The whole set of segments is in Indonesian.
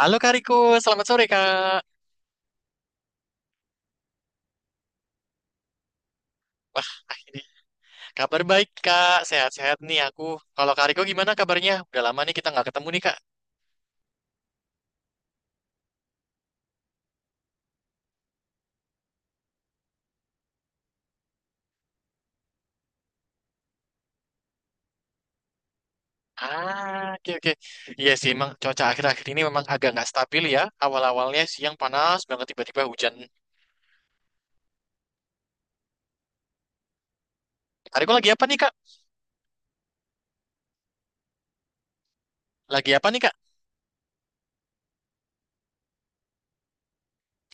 Halo Kak Riko, selamat sore Kak. Wah, ini kabar baik Kak, sehat-sehat nih aku. Kalau Kak Riko gimana kabarnya? Udah lama nih kita nggak ketemu nih Kak. Ah, oke oke. Iya sih, emang cuaca akhir-akhir ini memang agak nggak stabil ya. Awal-awalnya siang panas banget, tiba-tiba hujan. Kak Riko lagi apa nih Kak? Lagi apa nih Kak?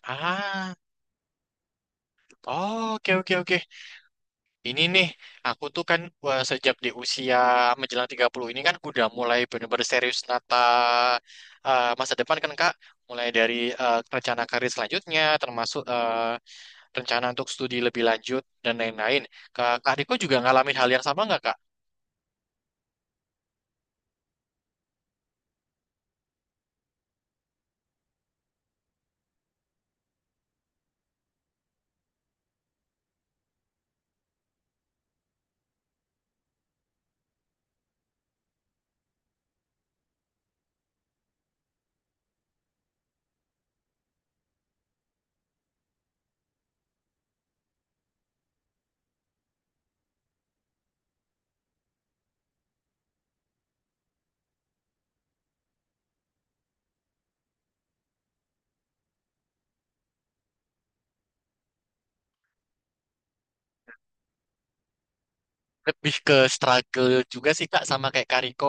Ah, oh, oke oke oke. Ini nih, aku tuh kan wah, sejak di usia menjelang 30 ini kan udah mulai bener-bener serius nata masa depan kan Kak. Mulai dari rencana karir selanjutnya, termasuk rencana untuk studi lebih lanjut, dan lain-lain. Kak, adikku juga ngalamin hal yang sama nggak Kak? Lebih ke struggle juga sih Kak sama kayak Kariko.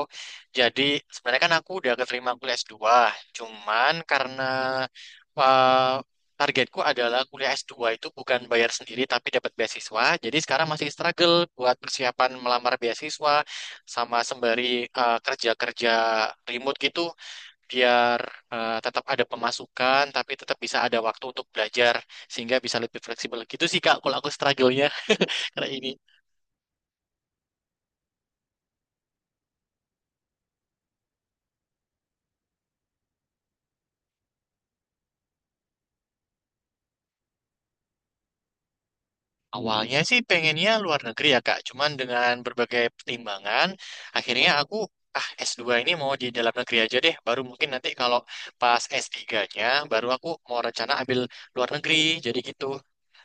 Jadi sebenarnya kan aku udah keterima kuliah S2, cuman karena uh, targetku adalah kuliah S2 itu bukan bayar sendiri tapi dapat beasiswa. Jadi sekarang masih struggle buat persiapan melamar beasiswa sama sembari kerja-kerja remote gitu biar tetap ada pemasukan tapi tetap bisa ada waktu untuk belajar sehingga bisa lebih fleksibel. Gitu sih Kak kalau aku struggle-nya karena ini. Awalnya sih pengennya luar negeri ya Kak, cuman dengan berbagai pertimbangan, akhirnya aku S2 ini mau di dalam negeri aja deh, baru mungkin nanti kalau pas S3-nya baru aku mau rencana ambil luar negeri, jadi gitu.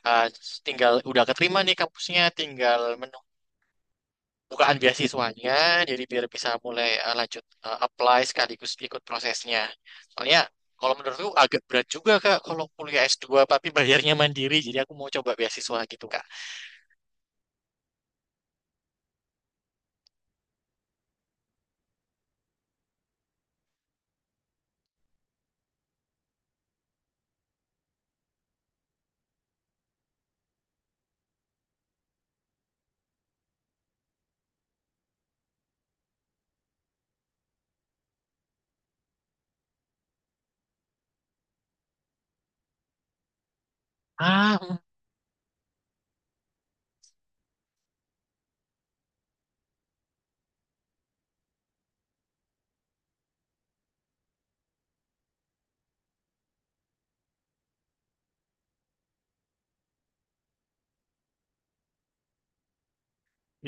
Ah, tinggal udah keterima nih kampusnya, tinggal menunggu bukaan beasiswanya, jadi biar bisa mulai lanjut apply sekaligus ikut prosesnya. Soalnya kalau menurutku agak berat juga Kak kalau kuliah S2, tapi bayarnya mandiri, jadi aku mau coba beasiswa gitu Kak. Ah,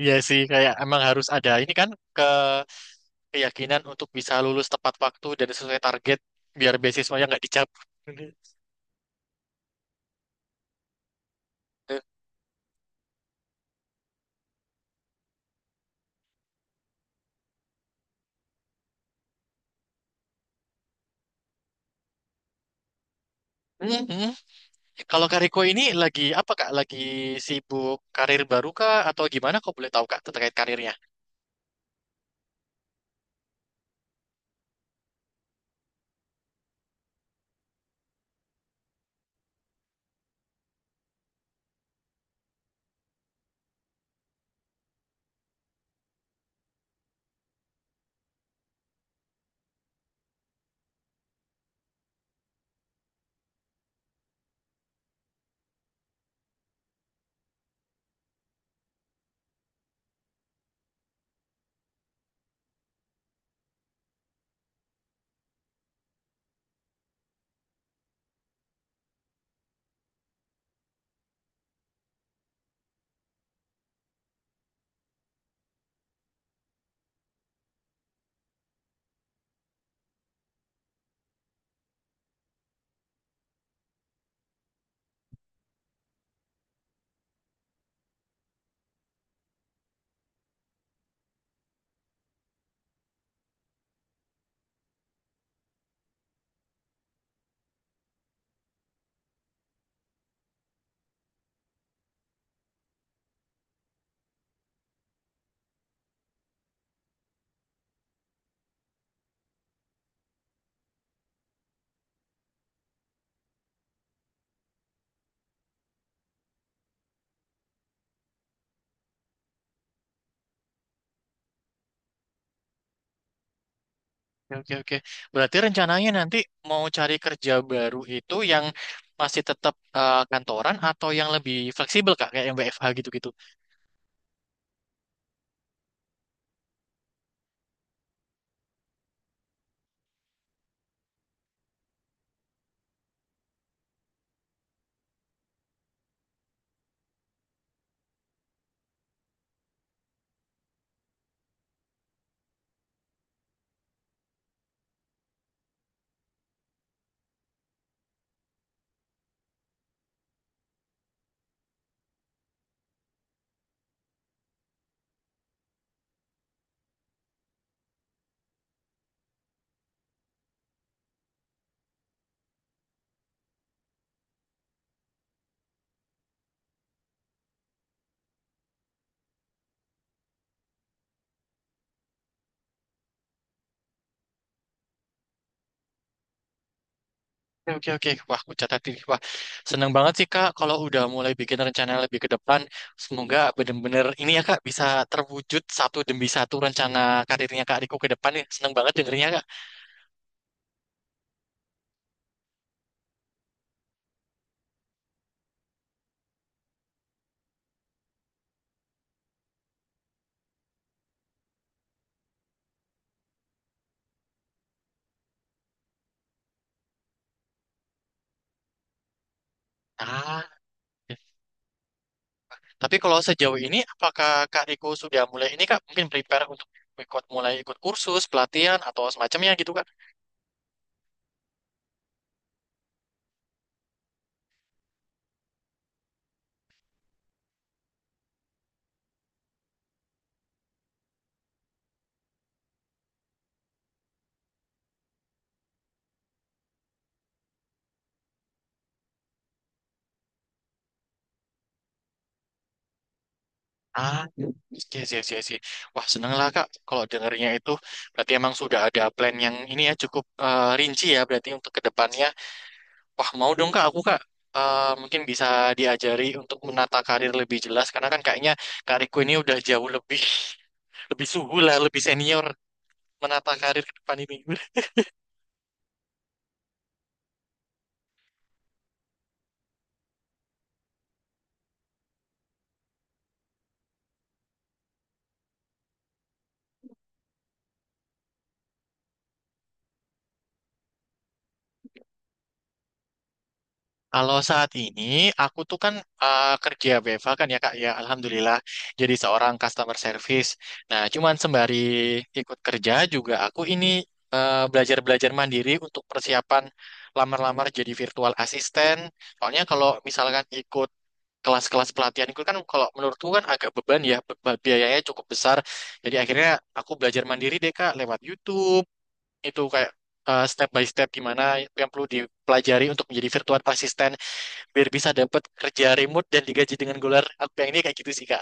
iya sih, kayak emang harus ada ini kan ke keyakinan untuk bisa lulus tepat waktu dan sesuai target biar beasiswanya nggak dicabut. Mhm. Kalau Kariko ini lagi apa Kak? Lagi sibuk karir baru Kak atau gimana? Kok boleh tahu Kak terkait karirnya? Oke, oke, oke. Berarti rencananya nanti mau cari kerja baru itu yang masih tetap kantoran atau yang lebih fleksibel Kak, kayak yang WFH gitu-gitu. Oke, oke, oke. Wah, aku catat ini. Wah, seneng banget sih, Kak. Kalau udah mulai bikin rencana lebih ke depan, semoga bener-bener ini ya, Kak, bisa terwujud satu demi satu rencana karirnya Kak Riko ke depan ya. Seneng banget dengernya, Kak. Ah, oke. Tapi kalau sejauh ini, apakah Kak Riko sudah mulai ini, Kak? Mungkin prepare untuk ikut mulai ikut kursus, pelatihan, atau semacamnya gitu, Kak? Ah, iya, iya, iya, iya. Wah, seneng lah, Kak. Kalau dengernya itu, berarti emang sudah ada plan yang ini ya, cukup rinci ya, berarti untuk ke depannya. Wah, mau dong Kak, aku Kak mungkin bisa diajari untuk menata karir lebih jelas karena kan kayaknya karirku ini udah jauh lebih lebih suhu lah, lebih senior menata karir ke depan ini. Kalau saat ini aku tuh kan kerja BFA kan ya Kak ya, alhamdulillah jadi seorang customer service. Nah, cuman sembari ikut kerja juga aku ini belajar-belajar mandiri untuk persiapan lamar-lamar jadi virtual assistant. Soalnya kalau misalkan ikut kelas-kelas pelatihan itu kan kalau menurutku kan agak beban ya biayanya cukup besar jadi akhirnya aku belajar mandiri deh Kak lewat YouTube itu kayak step by step gimana yang perlu dipelajari untuk menjadi virtual assistant biar bisa dapat kerja remote dan digaji dengan dolar aku yang ini kayak gitu sih Kak.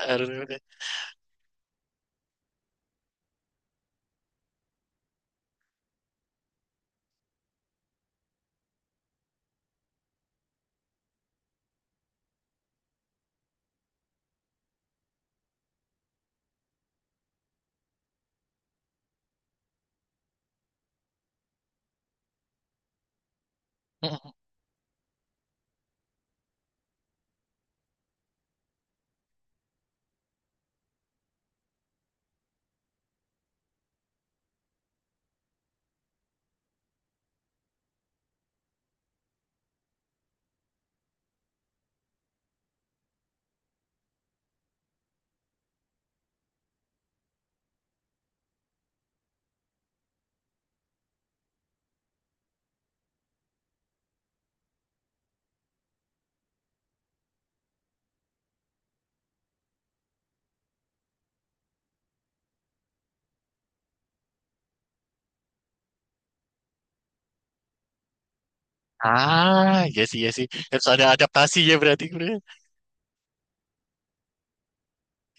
Ah, iya sih, iya sih, harus ada adaptasi ya berarti.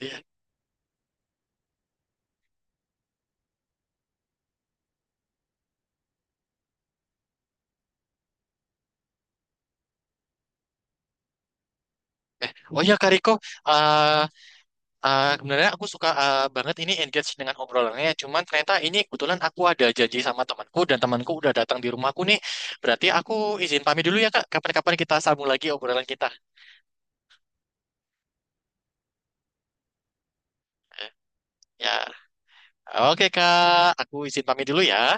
Iya. Oh ya Kak Riko, eh, sebenarnya aku suka banget ini engage dengan obrolannya. Cuman ternyata ini kebetulan aku ada janji sama temanku dan temanku udah datang di rumahku nih. Berarti aku izin pamit dulu ya Kak. Kapan-kapan kita sambung lagi obrolan kita. Eh, Ya, oke Kak. Aku izin pamit dulu ya.